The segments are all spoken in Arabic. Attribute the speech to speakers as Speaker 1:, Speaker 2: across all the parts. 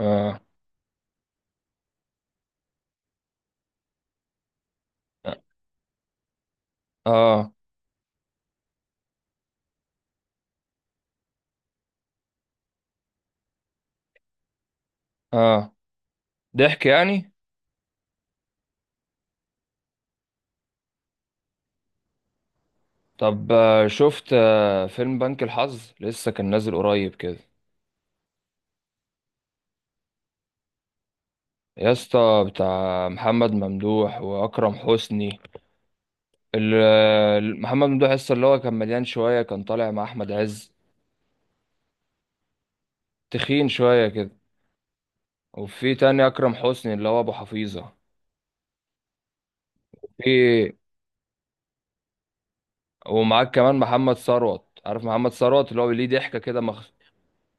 Speaker 1: اه اه اه. ضحك يعني. طب، شفت فيلم بنك الحظ لسه كان نازل قريب كده. يا اسطى بتاع محمد ممدوح واكرم حسني. محمد ممدوح لسه اللي هو كان مليان شويه، كان طالع مع احمد عز. تخين شويه كده. وفي تاني اكرم حسني اللي هو ابو حفيظه. في. ومعاك كمان محمد ثروت، عارف محمد ثروت اللي هو ليه ضحكه كده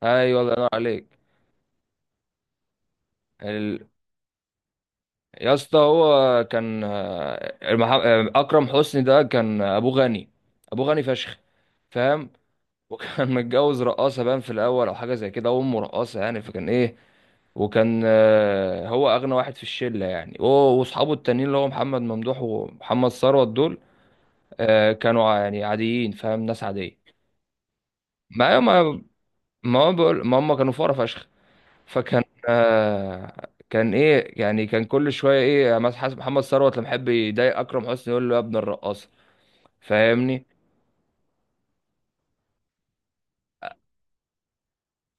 Speaker 1: ايوه، الله ينور عليك. ال... يا اسطى، هو كان اكرم حسني ده كان ابوه غني. ابوه غني فشخ. فاهم؟ وكان متجوز رقاصه باين في الاول، او حاجه زي كده، وامه رقاصه يعني، فكان ايه. وكان هو اغنى واحد في الشله، يعني هو واصحابه التانيين اللي هو محمد ممدوح ومحمد ثروت دول. كانوا يعني عاديين، فاهم؟ ناس عاديه. ما ما ما هو بقول- ما هم كانوا فقراء فشخ. فكان. كان ايه يعني. كان كل شويه ايه، مثلا حسب محمد ثروت لما يحب يضايق اكرم حسني يقول له يا ابن الرقاصه. فاهمني؟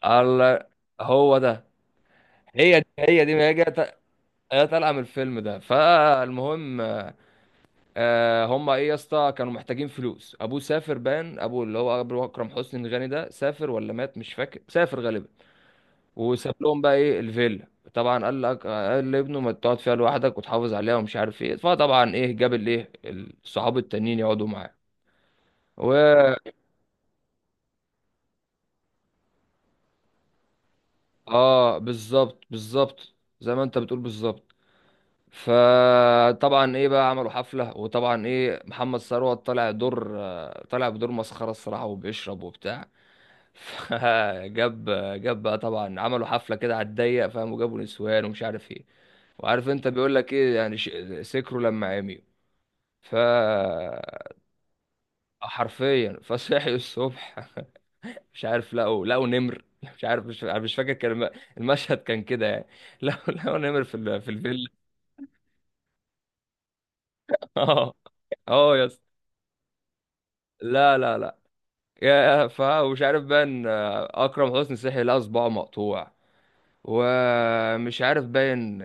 Speaker 1: الله. هو ده. هي دي هي دي، ما هي جت- هي طالعه من الفيلم ده، فالمهم. هم ايه يا اسطى، كانوا محتاجين فلوس. ابوه سافر، بان ابوه اللي هو أبو اكرم حسني الغني ده سافر ولا مات، مش فاكر، سافر غالبا. وساب لهم بقى ايه الفيلا. طبعا قال لك، قال لابنه ما تقعد فيها لوحدك وتحافظ عليها ومش عارف ايه، فطبعا ايه، جاب الايه الصحاب التانيين يقعدوا معاه. و اه، بالظبط بالظبط. زي ما انت بتقول، بالظبط. فطبعا ايه، بقى عملوا حفلة. وطبعا ايه، محمد ثروت طلع دور، طلع بدور مسخرة الصراحة، وبيشرب وبتاع. فجاب. جاب بقى، طبعا عملوا حفلة كده على الضيق، فاهم؟ وجابوا نسوان ومش عارف ايه. وعارف انت بيقول لك ايه يعني سكروا لما عمي. ف حرفيا فصحي الصبح. مش عارف، لقوا نمر. مش عارف، مش فاكر، المشهد كان كده يعني. لقوا نمر في في الفيلا. اه. اه، يا اسطى. لا لا لا. يا ف ومش عارف، باين اكرم حسني صحي لقى صباعه مقطوع. ومش عارف باين.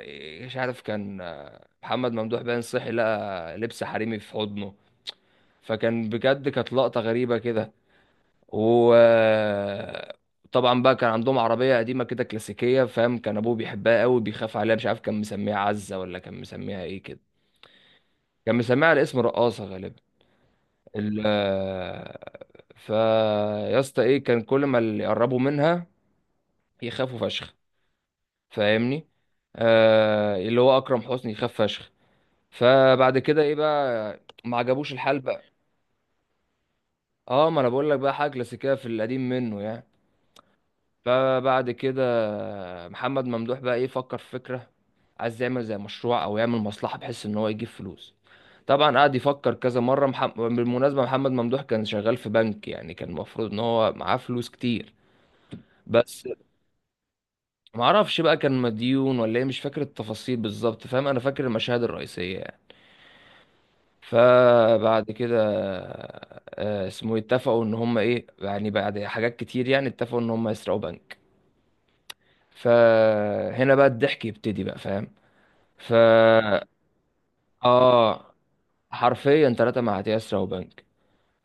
Speaker 1: مش عارف كان. محمد ممدوح باين صحي لقى لبس حريمي في حضنه. فكان بجد، كانت لقطة غريبة كده. وطبعا بقى كان عندهم عربية قديمة كده كلاسيكية، فاهم؟ كان أبوه بيحبها قوي، بيخاف عليها، مش عارف كان مسميها عزة ولا كان مسميها إيه كده. كان مسميها على اسم رقاصة غالبا. ال فا يا اسطى، إيه، كان كل ما اللي يقربوا منها يخافوا فشخ. فاهمني؟ اللي هو أكرم حسني يخاف فشخ. فبعد كده إيه، بقى ما عجبوش الحال بقى. اه، ما انا بقول لك بقى، حاجه كلاسيكيه في القديم منه يعني. فبعد كده محمد ممدوح بقى ايه، فكر في فكرة. عايز يعمل زي مشروع او يعمل مصلحة، بحيث ان هو يجيب فلوس. طبعا قعد يفكر كذا مرة. بالمناسبة محمد ممدوح كان شغال في بنك، يعني كان المفروض ان هو معاه فلوس كتير. بس. معرفش بقى، كان مديون ولا ايه، مش فاكر التفاصيل بالظبط، فاهم؟ انا فاكر المشاهد الرئيسية يعني. فبعد كده. اسمه، اتفقوا ان هم ايه يعني، بعد حاجات كتير يعني اتفقوا ان هم يسرقوا بنك. فهنا بقى الضحك يبتدي بقى، فاهم؟ ف اه، حرفيا ثلاثة مع يسرا وبنك.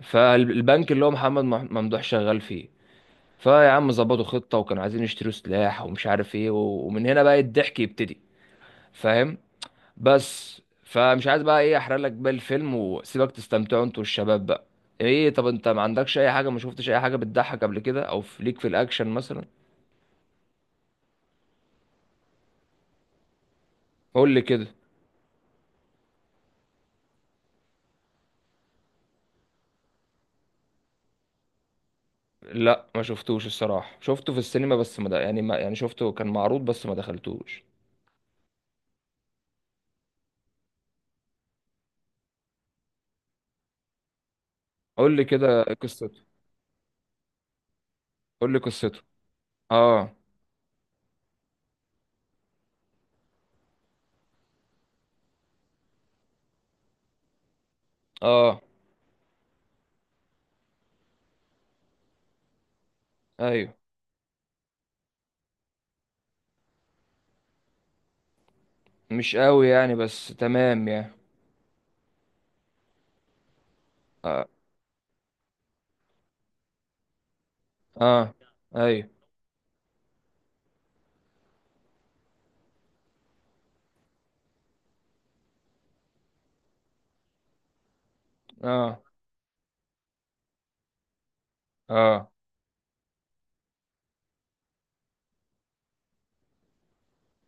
Speaker 1: فالبنك اللي هو محمد ممدوح شغال فيه. فيا عم، ظبطوا خطة وكانوا عايزين يشتروا سلاح ومش عارف ايه، ومن هنا بقى الضحك يبتدي. فاهم؟ بس فمش عايز بقى ايه احرق لك بقى الفيلم، وسيبك تستمتعوا انتوا والشباب بقى. ايه، طب انت ما عندكش اي حاجة؟ ما شفتش اي حاجة بتضحك قبل كده، او في ليك في الاكشن مثلا؟ قول لي كده. لا، ما شفتوش الصراحة، شفته في السينما بس ما د- يعني، ما يعني شفته كان معروض بس ما دخلتوش. قول لي كده قصته. قول لي قصته. اه. اه، ايوه، مش قوي يعني بس تمام يعني. اه. اه، ايوه. اه. اه،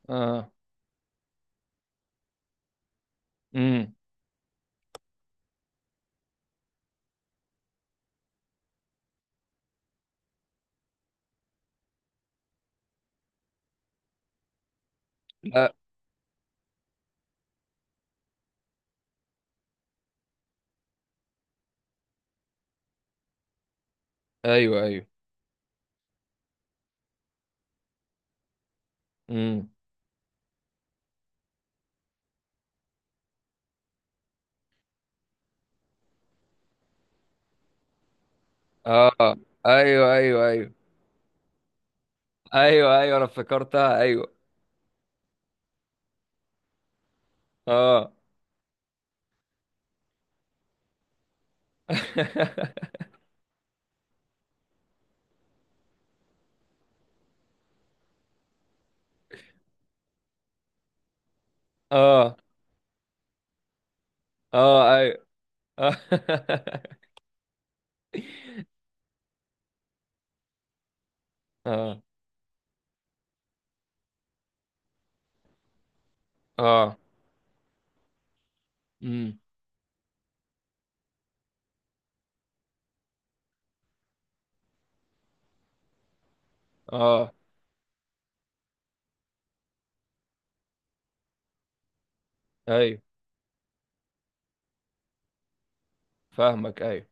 Speaker 1: اه. امم. لا. ايوه ايوه. امم. اه، ايوه ايوه ايوه ايوه ايوه، انا افتكرتها ايوه. اه. اه. اه، ايوه. اه. اه. اه، امم. اه، ايوه، فاهمك، ايوه.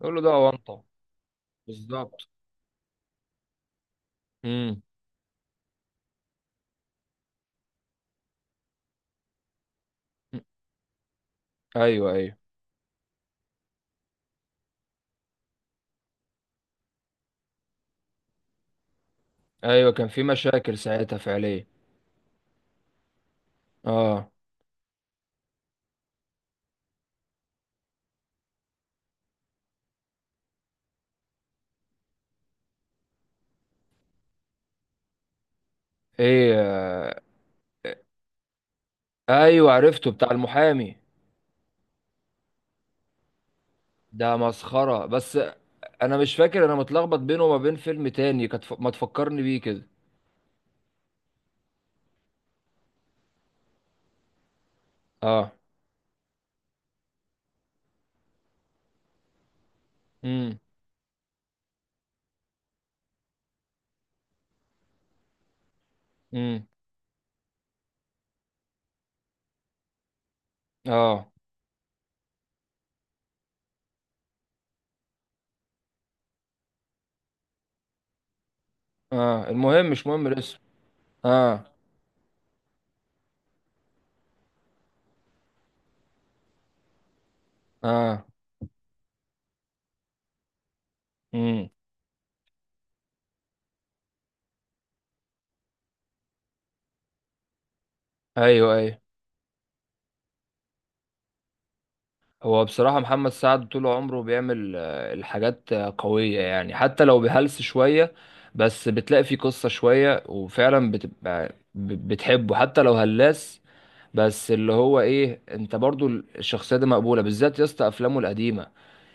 Speaker 1: قول له ده وانطه. بالظبط. امم. ايوه ايوه. ايوه، كان في مشاكل ساعتها فعليا. اه. ايه، ايوه، عرفته بتاع المحامي. ده مسخره بس. انا مش فاكر، انا متلخبط بينه وما بين فيلم تاني، كانت ما تفكرني بيه كده. اه. امم. امم. اه. اه، المهم مش مهم الاسم. اه. اه. امم. ايوه ايوه. هو بصراحة محمد سعد طول عمره بيعمل الحاجات قوية يعني، حتى لو بهلس شوية. بس بتلاقي فيه قصة شوية، وفعلا بتبقى بتحبه حتى لو هلاس. بس اللي هو ايه، انت برضو الشخصية دي مقبولة، بالذات يا اسطى افلامه القديمة.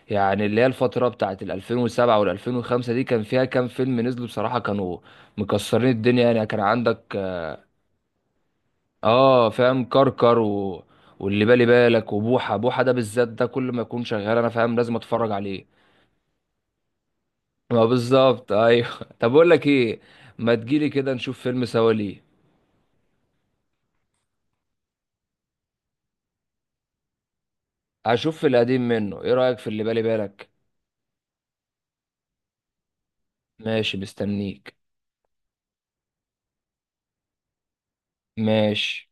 Speaker 1: يعني اللي هي الفترة بتاعت ال 2007 وال 2005، دي كان فيها كام فيلم نزلوا بصراحة كانوا مكسرين الدنيا يعني. كان عندك اه، فاهم، كركر و... واللي بالي بالك وبوحه بوحه، ده بالذات ده كل ما يكون شغال انا فاهم لازم اتفرج عليه. ما بالظبط، ايوه. طب اقول لك ايه، ما تجيلي كده نشوف فيلم سوا ليه؟ هشوف في القديم منه، ايه رايك في اللي بالي بالك؟ ماشي، مستنيك. ماشي.